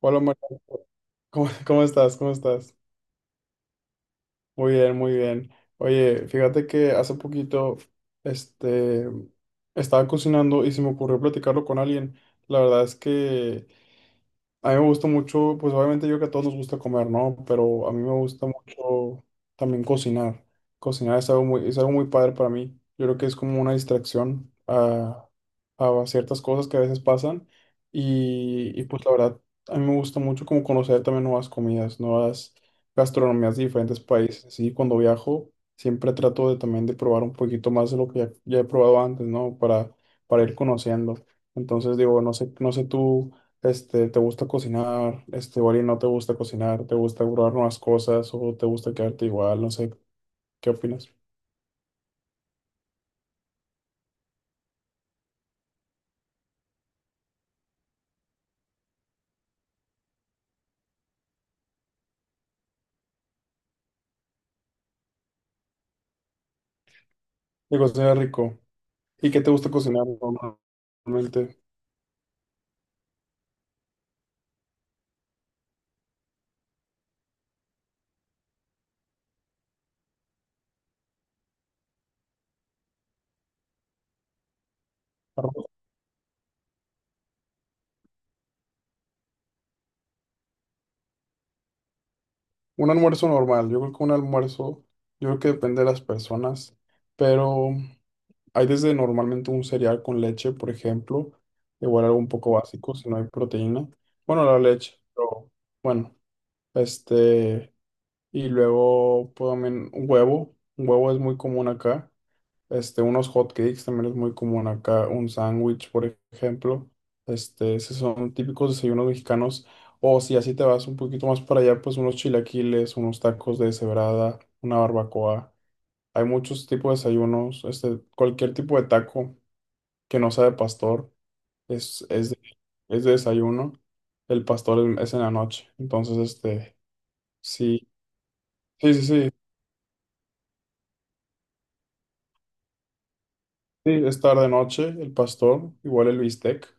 Hola, María. ¿Cómo estás? ¿Cómo estás? Muy bien, muy bien. Oye, fíjate que hace poquito, este, estaba cocinando y se me ocurrió platicarlo con alguien. La verdad es que a mí me gusta mucho, pues obviamente yo creo que a todos nos gusta comer, ¿no? Pero a mí me gusta mucho también cocinar. Es algo muy padre para mí. Yo creo que es como una distracción a ciertas cosas que a veces pasan. Y pues la verdad, a mí me gusta mucho como conocer también nuevas comidas, nuevas gastronomías de diferentes países. Sí, cuando viajo siempre trato de también de probar un poquito más de lo que ya he probado antes, ¿no? Para ir conociendo. Entonces digo, no sé, no sé tú. ¿Te gusta cocinar? Igual y no te gusta cocinar, ¿te gusta probar nuevas cosas o te gusta quedarte igual? No sé, ¿qué opinas? Digo, cocinar es rico. ¿Y qué te gusta cocinar normalmente? Arroz. Yo creo que un almuerzo, yo creo que depende de las personas, pero hay desde normalmente un cereal con leche, por ejemplo, igual algo un poco básico, si no hay proteína. Bueno, la leche, pero bueno, este... Y luego puedo también un huevo. Un huevo es muy común acá. Unos hot cakes también es muy común acá. Un sándwich, por ejemplo. Esos son típicos desayunos mexicanos. O si así te vas un poquito más para allá, pues unos chilaquiles, unos tacos de deshebrada, una barbacoa. Hay muchos tipos de desayunos. Cualquier tipo de taco que no sea de pastor es, es, de- es de desayuno. El pastor es en la noche. Entonces, sí. Sí, sí, sí. Sí, es tarde noche, el pastor, igual el bistec,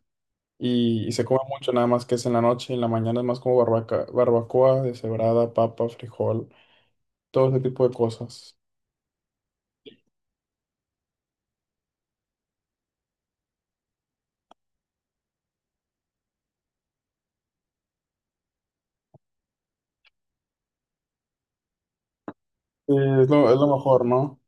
y se come mucho nada más que es en la noche, y en la mañana es más como barbacoa, deshebrada, papa, frijol, todo ese tipo de cosas. Sí, es lo mejor, ¿no?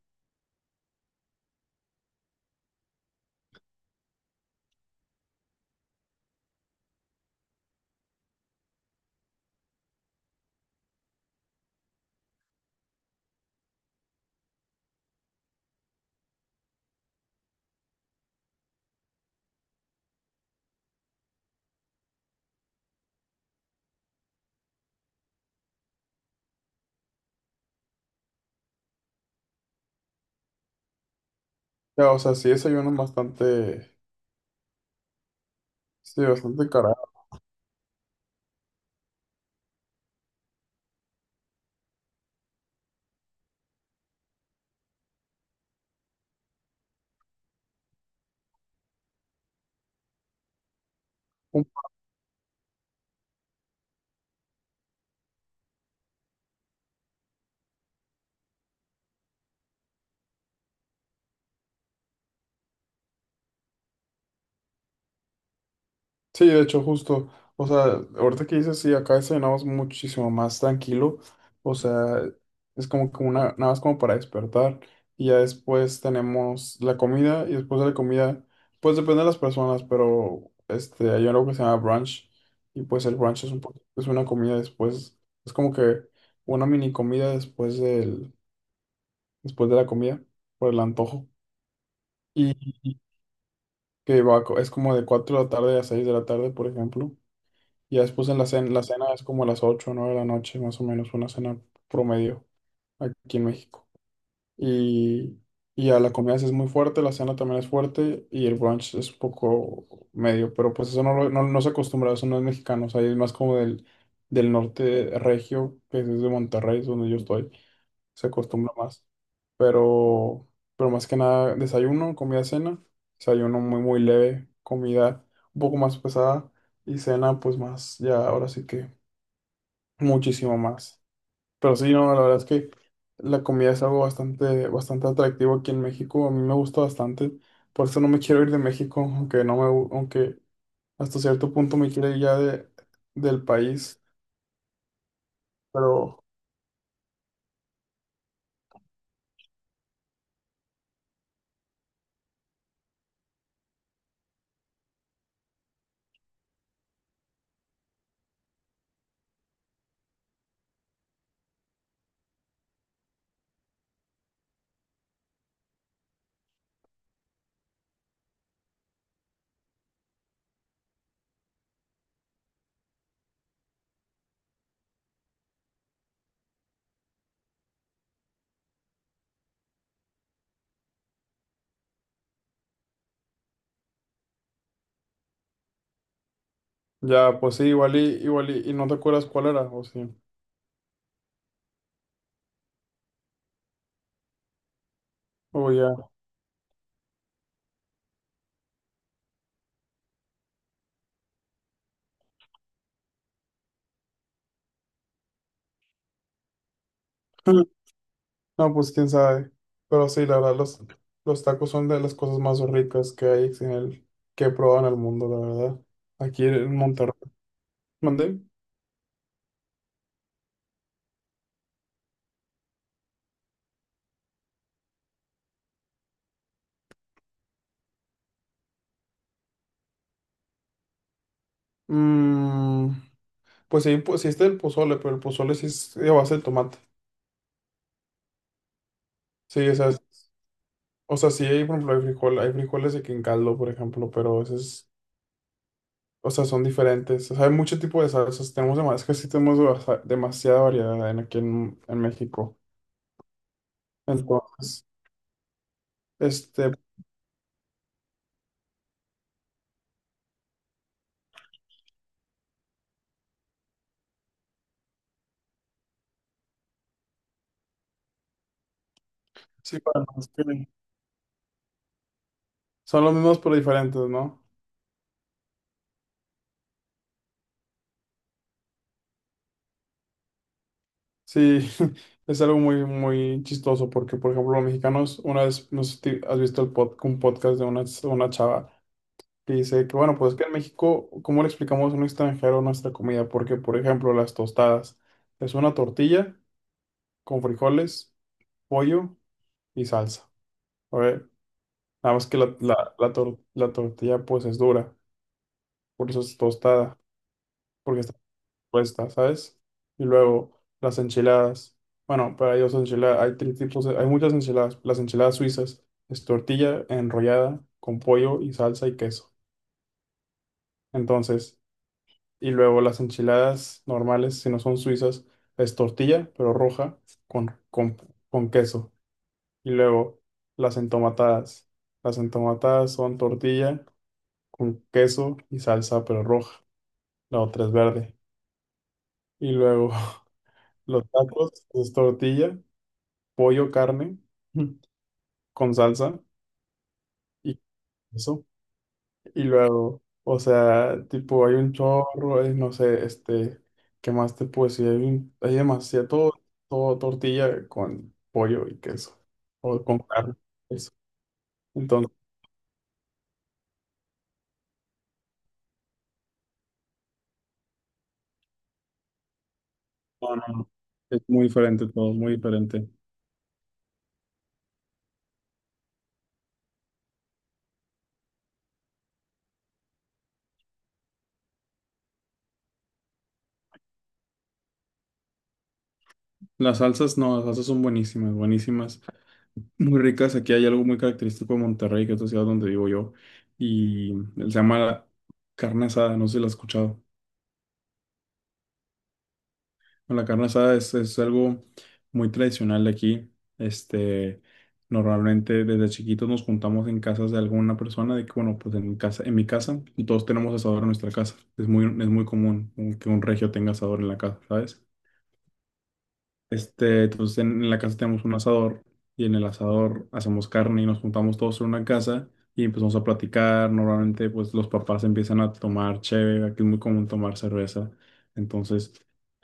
Ya, o sea, sí desayuno bastante, sí, bastante cargado. Sí, de hecho, justo, o sea, ahorita que dices, sí, acá cenamos muchísimo más tranquilo, o sea, es como que una, nada más como para despertar, y ya después tenemos la comida, y después de la comida, pues depende de las personas, pero hay algo que se llama brunch, y pues el brunch es es una comida después, es como que una mini comida después de la comida, por el antojo, y y es como de 4 de la tarde a 6 de la tarde, por ejemplo. Y ya después en la cena es como a las 8 o 9 de la noche, más o menos, una cena promedio aquí en México. Y, y ya la comida sí es muy fuerte, la cena también es fuerte y el brunch es un poco medio, pero pues eso no, lo- no, no se acostumbra, eso no es mexicano, o sea, es más como del norte regio, que es de Monterrey, es donde yo estoy se acostumbra más. Pero, pero más que nada, desayuno, comida, cena. Desayuno muy, muy leve, comida un poco más pesada y cena, pues más, ya ahora sí que muchísimo más. Pero sí, no, la verdad es que la comida es algo bastante, bastante atractivo aquí en México. A mí me gusta bastante. Por eso no me quiero ir de México, aunque no me, gu- aunque hasta cierto punto me quiero ir ya del país. Pero ya, pues sí, igual y no te acuerdas cuál era, o sí, o ya. No, pues quién sabe. Pero sí, la verdad, los tacos son de las cosas más ricas que hay en el, que he probado en el mundo, la verdad. Aquí en Monterrey. ¿Mandé? Mm, pues sí está el pozole, pero el pozole sí es de base de tomate. Sí, o sea, o sea, sí hay, por ejemplo, hay frijol, hay frijoles de que en caldo, por ejemplo, pero esos, o sea, son diferentes. O sea, hay mucho tipo de salsas. Tenemos demasiado, es que sí tenemos demasiada variedad en, aquí en México. Entonces, este, sí, para nosotros. Son los mismos pero diferentes, ¿no? Sí, es algo muy, muy chistoso porque, por ejemplo, los mexicanos, una vez, no sé si te- has visto un podcast de una chava que dice que, bueno, pues es que en México, ¿cómo le explicamos a un extranjero nuestra comida? Porque, por ejemplo, las tostadas es una tortilla con frijoles, pollo y salsa. A ver, nada más que la tortilla pues es dura, por eso es tostada. Porque respuesta, ¿sabes? Y luego las enchiladas. Bueno, para ellos enchiladas, hay hay muchas enchiladas. Las enchiladas suizas es tortilla enrollada con pollo y salsa y queso. Entonces, y luego las enchiladas normales, si no son suizas, es tortilla, pero roja, con, con, con queso. Y luego las entomatadas. Las entomatadas son tortilla con queso y salsa, pero roja. La otra es verde. Y luego los tacos pues, es tortilla pollo, carne con salsa y eso. Y luego, o sea, tipo, hay un chorro, hay, no sé, ¿qué más te puedo decir? Hay demasiado, todo, todo tortilla con pollo y queso, o con carne, eso. Entonces, no, no, no, es muy diferente todo, muy diferente. Las salsas, no, las salsas son buenísimas, buenísimas, muy ricas. Aquí hay algo muy característico de Monterrey, que es la ciudad donde vivo yo, y se llama carne asada, no sé si la has escuchado. Bueno, la carne asada es algo muy tradicional de aquí. Este, Normalmente desde chiquitos nos juntamos en casas de alguna persona, de que bueno, pues en mi casa, y todos tenemos asador en nuestra casa. Es muy común que un regio tenga asador en la casa, ¿sabes? En la casa tenemos un asador y en el asador hacemos carne y nos juntamos todos en una casa y empezamos a platicar. Normalmente pues los papás empiezan a tomar cheve, aquí es muy común tomar cerveza. Entonces,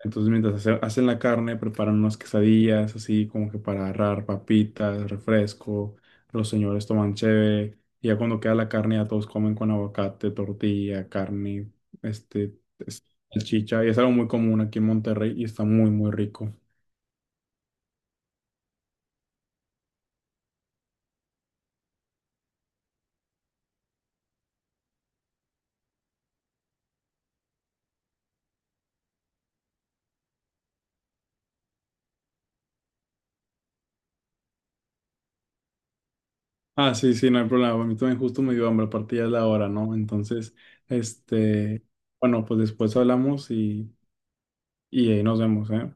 entonces mientras hacen la carne preparan unas quesadillas así como que para agarrar papitas, refresco, los señores toman cheve y ya cuando queda la carne ya todos comen con aguacate, tortilla, carne, este, es- salchicha y es algo muy común aquí en Monterrey y está muy muy rico. Ah, sí, sí, no hay problema. A mí también justo me dio hambre, aparte ya es la hora, ¿no? Entonces, este, bueno, pues después y ahí nos vemos, ¿eh?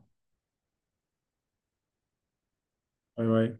Bye bye.